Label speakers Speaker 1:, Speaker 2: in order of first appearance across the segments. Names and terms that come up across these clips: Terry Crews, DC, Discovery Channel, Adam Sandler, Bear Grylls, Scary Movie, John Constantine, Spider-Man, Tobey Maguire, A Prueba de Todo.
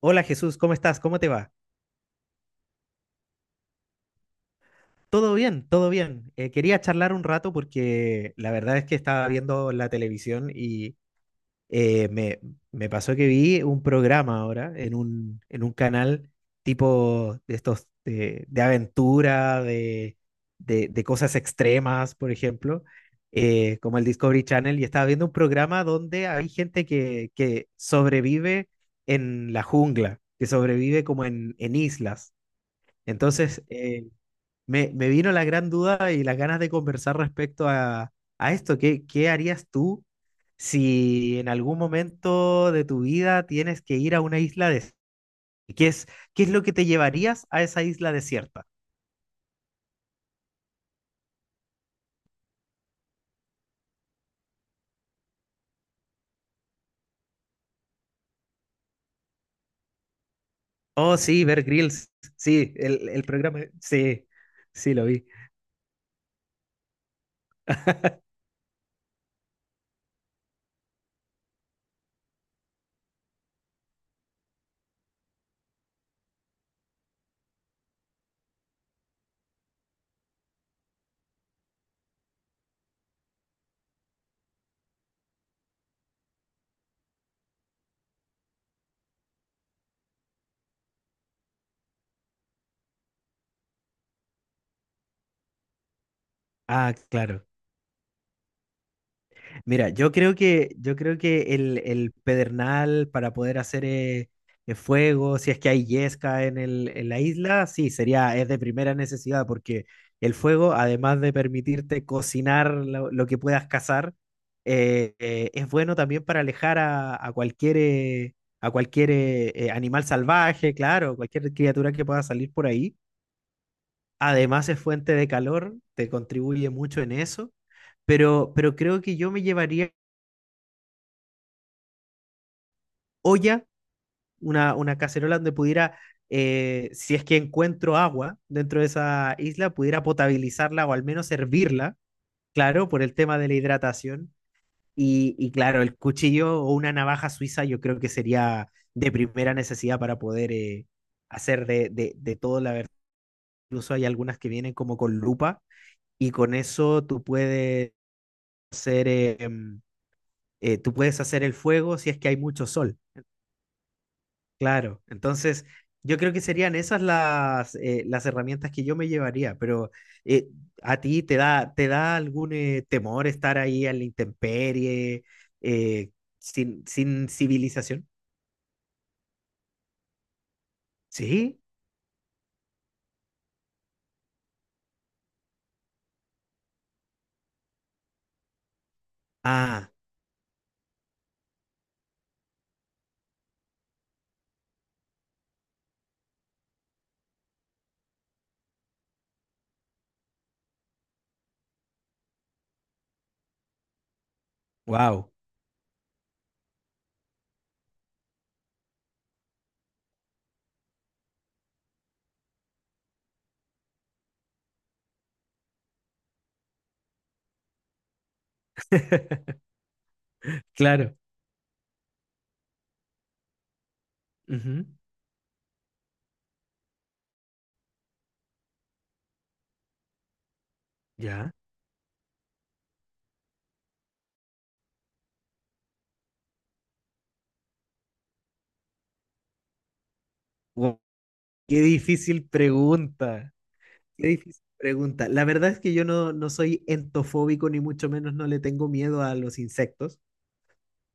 Speaker 1: Hola Jesús, ¿cómo estás? ¿Cómo te va? Todo bien, todo bien. Quería charlar un rato porque la verdad es que estaba viendo la televisión y eh, me, me pasó que vi un programa ahora en un canal tipo de estos de aventura, de cosas extremas, por ejemplo, como el Discovery Channel, y estaba viendo un programa donde hay gente que sobrevive en la jungla, que sobrevive como en islas. Entonces, me vino la gran duda y las ganas de conversar respecto a esto. ¿ qué harías tú si en algún momento de tu vida tienes que ir a una isla desierta? ¿Qué es, qué es lo que te llevarías a esa isla desierta? Oh, sí, Bear Grylls. Sí, el programa. Sí, sí, lo vi. Ah, claro. Mira, yo creo que el pedernal para poder hacer fuego, si es que hay yesca en la isla, sí, sería, es de primera necesidad, porque el fuego, además de permitirte cocinar lo que puedas cazar, es bueno también para alejar a cualquier animal salvaje, claro, cualquier criatura que pueda salir por ahí. Además es fuente de calor, te contribuye mucho en eso. Pero creo que yo me llevaría olla, una cacerola donde pudiera, si es que encuentro agua dentro de esa isla, pudiera potabilizarla o al menos hervirla, claro, por el tema de la hidratación. Y claro, el cuchillo o una navaja suiza yo creo que sería de primera necesidad para poder hacer de todo la verdad. Incluso hay algunas que vienen como con lupa y con eso tú puedes hacer, tú puedes hacer el fuego si es que hay mucho sol. Claro, entonces yo creo que serían esas las herramientas que yo me llevaría, pero eh, ¿a ti te da algún temor estar ahí en la intemperie, eh, sin civilización? Sí. Ah, wow, claro. Ujú, ya. Guau, qué difícil pregunta. Qué difícil pregunta. La verdad es que yo no soy entofóbico, ni mucho menos no le tengo miedo a los insectos.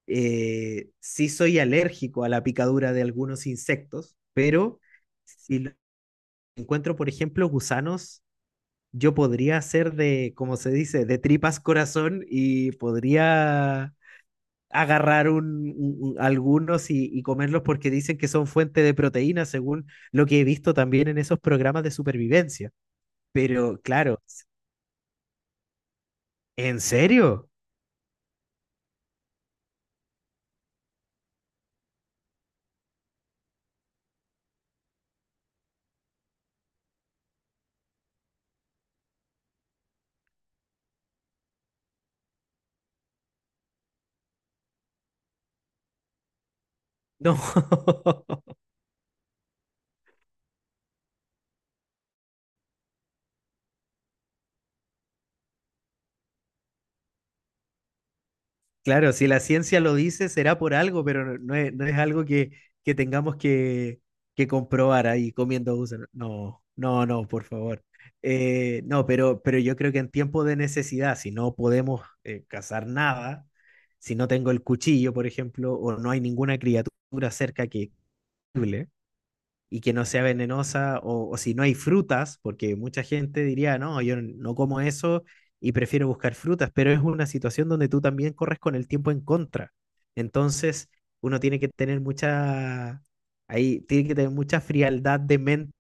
Speaker 1: Eh, sí soy alérgico a la picadura de algunos insectos, pero si lo- encuentro, por ejemplo, gusanos, yo podría hacer de, como se dice, de tripas corazón y podría agarrar algunos y comerlos porque dicen que son fuente de proteína, según lo que he visto también en esos programas de supervivencia. Pero claro, ¿en serio? No. Claro, si la ciencia lo dice, será por algo, pero no es algo que, que tengamos que, que comprobar ahí comiendo gusano. No, no, no, no, por favor. No, pero yo creo que en tiempo de necesidad, si no podemos cazar nada, si no tengo el cuchillo, por ejemplo, o no hay ninguna criatura cerca que y que no sea venenosa, o si no hay frutas, porque mucha gente diría, no, yo no como eso y prefiero buscar frutas, pero es una situación donde tú también corres con el tiempo en contra. Entonces, uno tiene que tener mucha, ahí tiene que tener mucha frialdad de mente,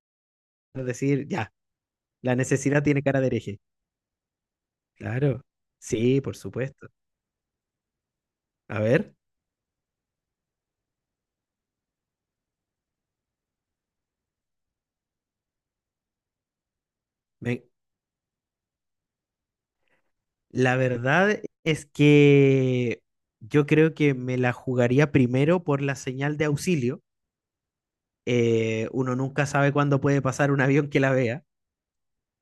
Speaker 1: es decir, ya, la necesidad tiene cara de hereje. Claro, sí, por supuesto. A ver, me- la verdad es que yo creo que me la jugaría primero por la señal de auxilio. Uno nunca sabe cuándo puede pasar un avión que la vea.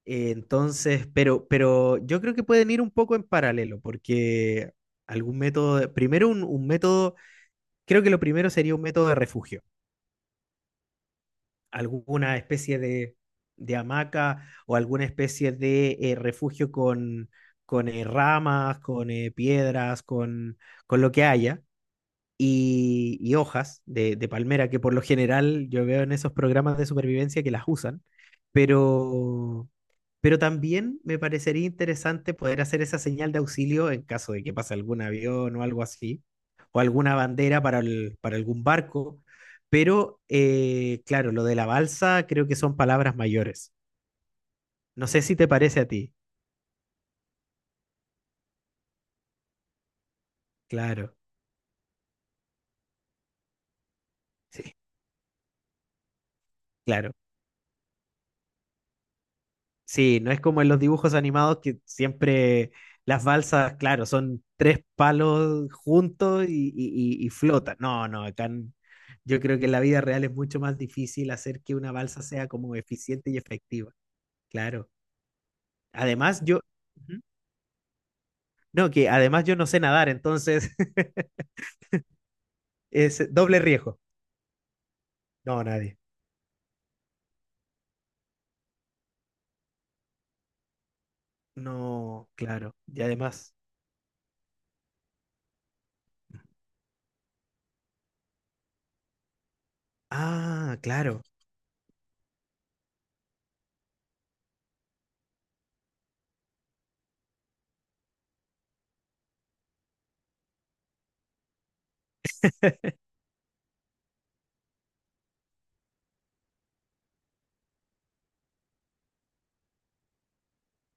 Speaker 1: Entonces, pero yo creo que pueden ir un poco en paralelo, porque algún método, de- primero un método, creo que lo primero sería un método de refugio, alguna especie de hamaca o alguna especie de refugio con ramas, con piedras, con lo que haya, y hojas de palmera, que por lo general yo veo en esos programas de supervivencia que las usan, pero, pero también me parecería interesante poder hacer esa señal de auxilio en caso de que pase algún avión o algo así, o alguna bandera para, el- para algún barco. Pero, claro, lo de la balsa creo que son palabras mayores. No sé si te parece a ti. Claro, sí, claro. Sí, no es como en los dibujos animados que siempre las balsas, claro, son tres palos juntos y, y flotan. No, no, acá en- yo creo que en la vida real es mucho más difícil hacer que una balsa sea como eficiente y efectiva. Claro. Además, yo, ujú. No, que además yo no sé nadar, entonces es doble riesgo. No, nadie. No, claro. Y además, ah, claro.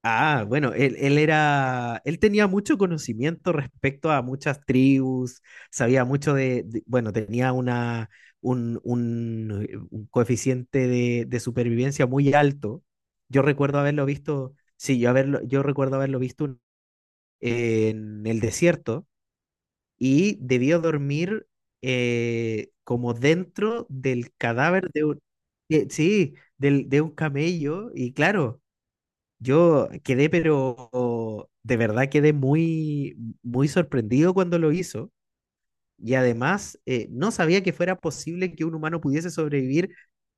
Speaker 1: Ah, bueno, él tenía mucho conocimiento respecto a muchas tribus, sabía mucho bueno, tenía un coeficiente de supervivencia muy alto. Yo recuerdo haberlo visto, sí, yo, haberlo, yo recuerdo haberlo visto un- en el desierto y debió dormir como dentro del cadáver de un, sí, de un camello y claro. Yo quedé, pero de verdad quedé muy, muy sorprendido cuando lo hizo. Y además, no sabía que fuera posible que un humano pudiese sobrevivir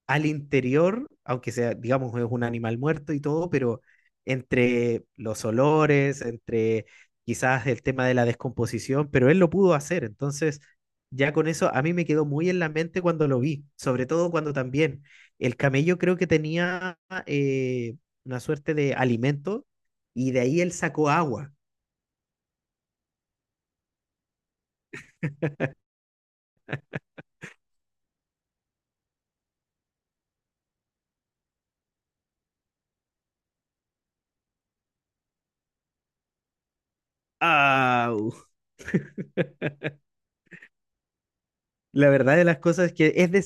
Speaker 1: al interior, aunque sea, digamos, es un animal muerto y todo, pero entre los olores, entre quizás el tema de la descomposición, pero él lo pudo hacer. Entonces, ya con eso a mí me quedó muy en la mente cuando lo vi, sobre todo cuando también el camello creo que tenía eh, una suerte de alimento y de ahí él sacó agua. ¡Au! La verdad de las cosas es que es de...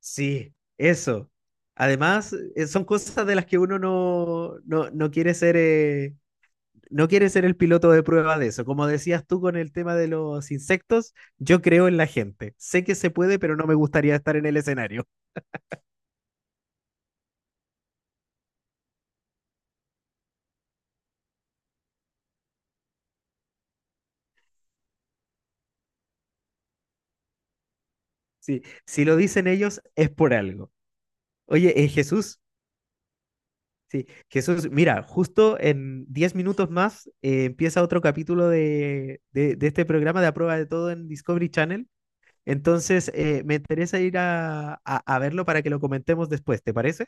Speaker 1: Sí, eso. Además, son cosas de las que uno no quiere ser, no quiere ser el piloto de prueba de eso. Como decías tú con el tema de los insectos, yo creo en la gente. Sé que se puede, pero no me gustaría estar en el escenario. Sí, si lo dicen ellos, es por algo. Oye, Jesús, sí, Jesús, mira, justo en 10 minutos más empieza otro capítulo de este programa de A Prueba de Todo en Discovery Channel. Entonces, me interesa ir a verlo para que lo comentemos después, ¿te parece?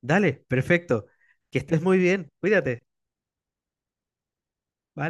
Speaker 1: Dale, perfecto. Que estés muy bien, cuídate. Bye.